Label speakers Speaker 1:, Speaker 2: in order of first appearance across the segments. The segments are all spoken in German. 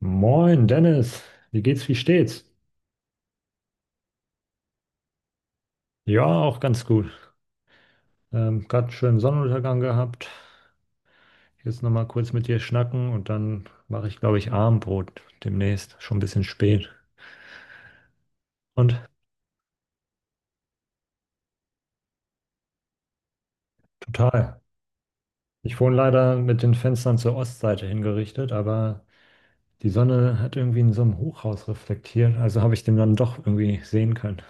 Speaker 1: Moin Dennis, wie geht's, wie steht's? Ja, auch ganz gut. Gerade einen schönen Sonnenuntergang gehabt. Jetzt nochmal kurz mit dir schnacken und dann mache ich, glaube ich, Abendbrot demnächst. Schon ein bisschen spät. Und total. Ich wohne leider mit den Fenstern zur Ostseite hingerichtet, aber die Sonne hat irgendwie in so einem Hochhaus reflektiert. Also habe ich den dann doch irgendwie sehen können.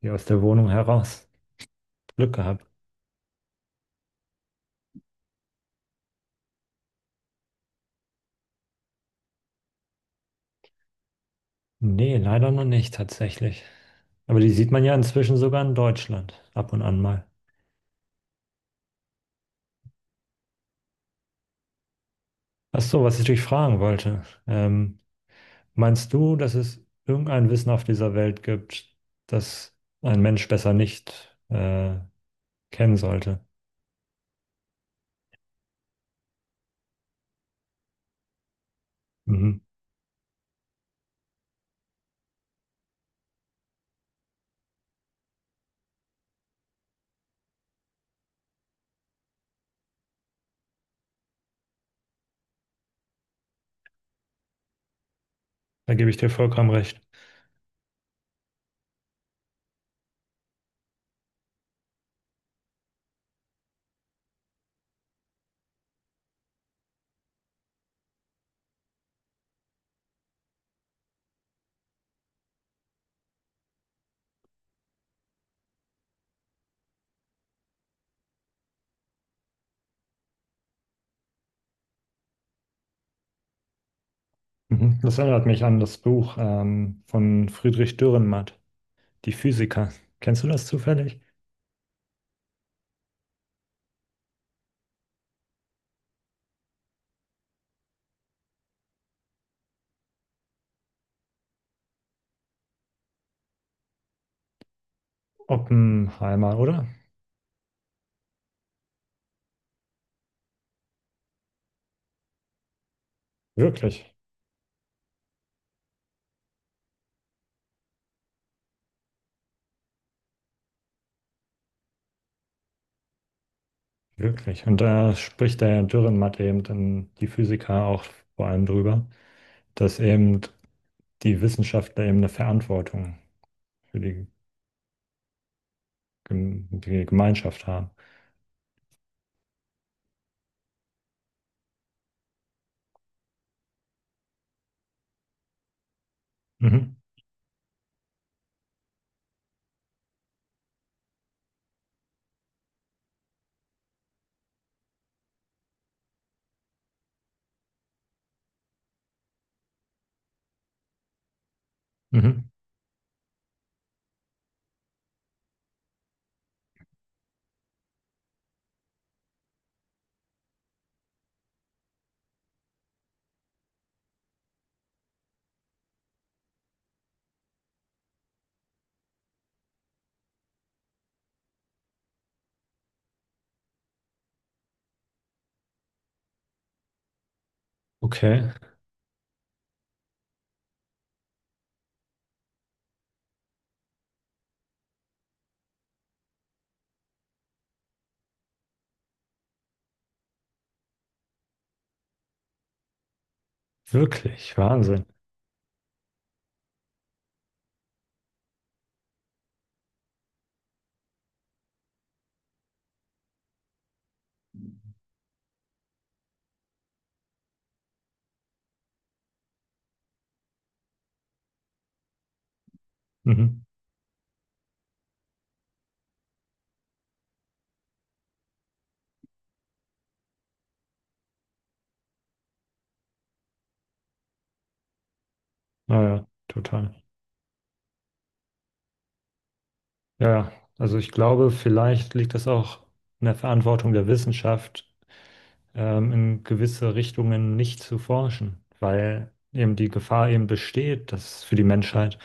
Speaker 1: Hier aus der Wohnung heraus. Glück gehabt. Nee, leider noch nicht tatsächlich. Aber die sieht man ja inzwischen sogar in Deutschland ab und an mal. Ach so, was ich dich fragen wollte. Meinst du, dass es irgendein Wissen auf dieser Welt gibt, das ein Mensch besser nicht kennen sollte? Mhm. Da gebe ich dir vollkommen recht. Mhm. Das erinnert mich an das Buch von Friedrich Dürrenmatt, Die Physiker. Kennst du das zufällig? Oppenheimer, oder? Wirklich. Wirklich. Und da spricht der Dürrenmatt eben dann die Physiker auch vor allem drüber, dass eben die Wissenschaftler eben eine Verantwortung für die, die Gemeinschaft haben. Mhm. Mhm. Okay. Wirklich. Wahnsinn. Mhm. Naja, total. Ja, also ich glaube, vielleicht liegt das auch in der Verantwortung der Wissenschaft, in gewisse Richtungen nicht zu forschen, weil eben die Gefahr eben besteht, dass für die Menschheit,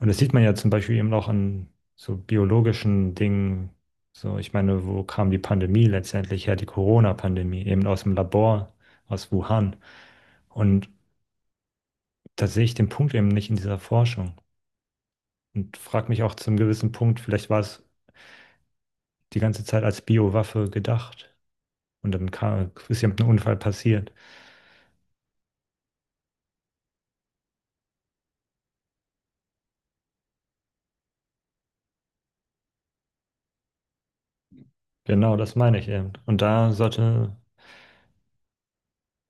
Speaker 1: und das sieht man ja zum Beispiel eben auch an so biologischen Dingen, so ich meine, wo kam die Pandemie letztendlich her, die Corona-Pandemie, eben aus dem Labor, aus Wuhan. Und da sehe ich den Punkt eben nicht in dieser Forschung und frage mich auch zum gewissen Punkt, vielleicht war es die ganze Zeit als Biowaffe gedacht. Und dann kam, ist eben ein Unfall passiert. Genau, das meine ich eben. Und da sollte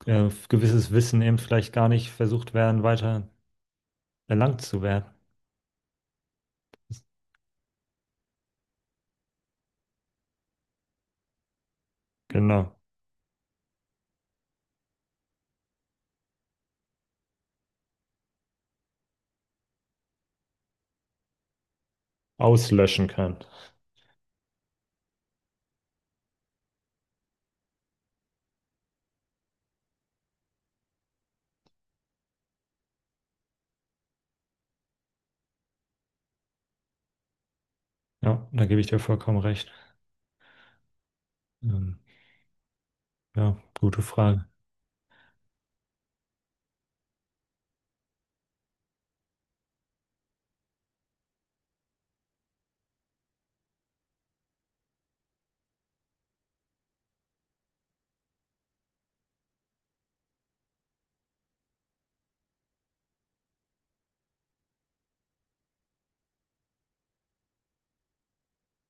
Speaker 1: gewisses Wissen eben vielleicht gar nicht versucht werden, weiter erlangt zu werden. Genau. Auslöschen kann. Ja, da gebe ich dir vollkommen recht. Ähm, ja, gute Frage.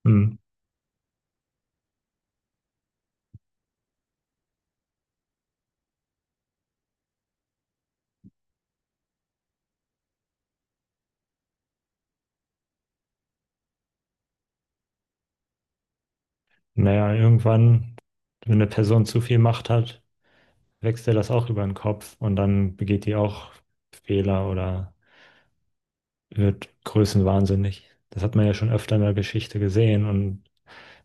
Speaker 1: Hm. Naja, irgendwann, wenn eine Person zu viel Macht hat, wächst ihr das auch über den Kopf und dann begeht die auch Fehler oder wird größenwahnsinnig. Das hat man ja schon öfter in der Geschichte gesehen und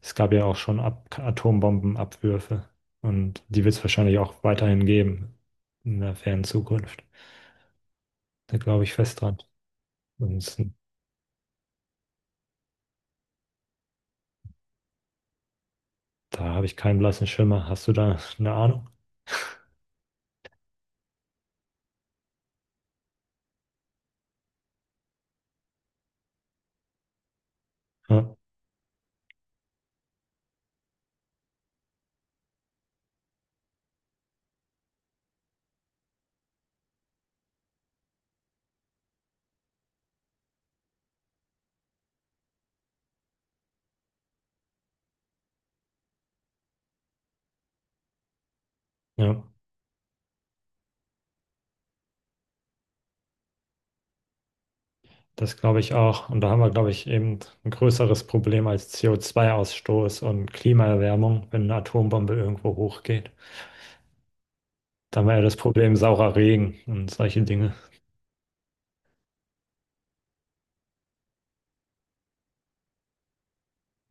Speaker 1: es gab ja auch schon Ab Atombombenabwürfe und die wird es wahrscheinlich auch weiterhin geben in der fernen Zukunft. Da glaube ich fest dran. Und da habe ich keinen blassen Schimmer. Hast du da eine Ahnung? Ja, ja, das glaube ich auch. Und da haben wir, glaube ich, eben ein größeres Problem als CO2-Ausstoß und Klimaerwärmung, wenn eine Atombombe irgendwo hochgeht. Da haben wir ja das Problem saurer Regen und solche Dinge.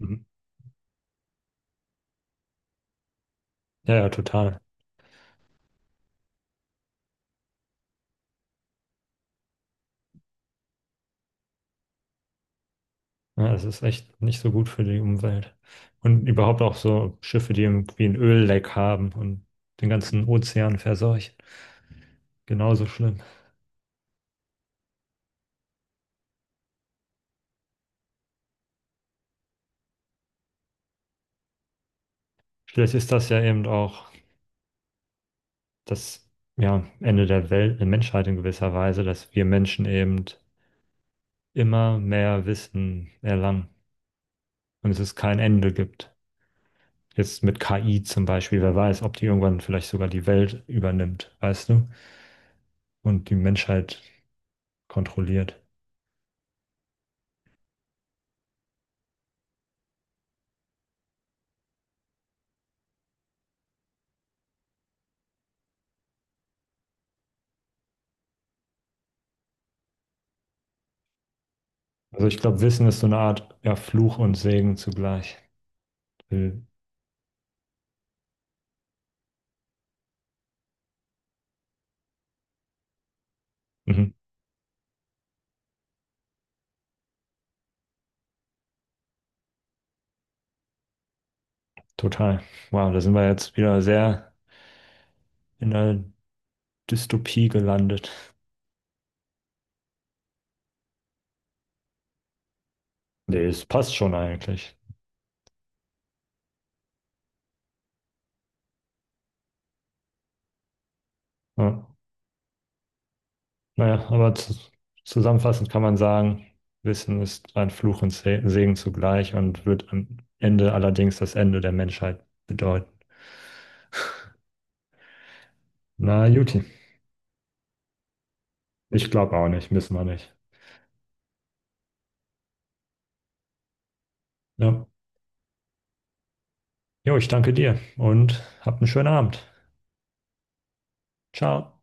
Speaker 1: Mhm. Ja, ja, total. Ja, es ist echt nicht so gut für die Umwelt. Und überhaupt auch so Schiffe, die irgendwie ein Ölleck haben und den ganzen Ozean verseuchen. Genauso schlimm. Vielleicht ist das ja eben auch das, ja, Ende der Welt, der Menschheit in gewisser Weise, dass wir Menschen eben immer mehr Wissen erlangen und es ist kein Ende gibt. Jetzt mit KI zum Beispiel, wer weiß, ob die irgendwann vielleicht sogar die Welt übernimmt, weißt du, und die Menschheit kontrolliert. Also ich glaube, Wissen ist so eine Art, ja, Fluch und Segen zugleich. Mhm. Mhm. Total. Wow, da sind wir jetzt wieder sehr in der Dystopie gelandet. Nee, es passt schon eigentlich. Ja. Naja, aber zu, zusammenfassend kann man sagen, Wissen ist ein Fluch und Segen zugleich und wird am Ende allerdings das Ende der Menschheit bedeuten. Na, Juti, ich glaube auch nicht, müssen wir nicht. Ja. Jo, ich danke dir und habt einen schönen Abend. Ciao.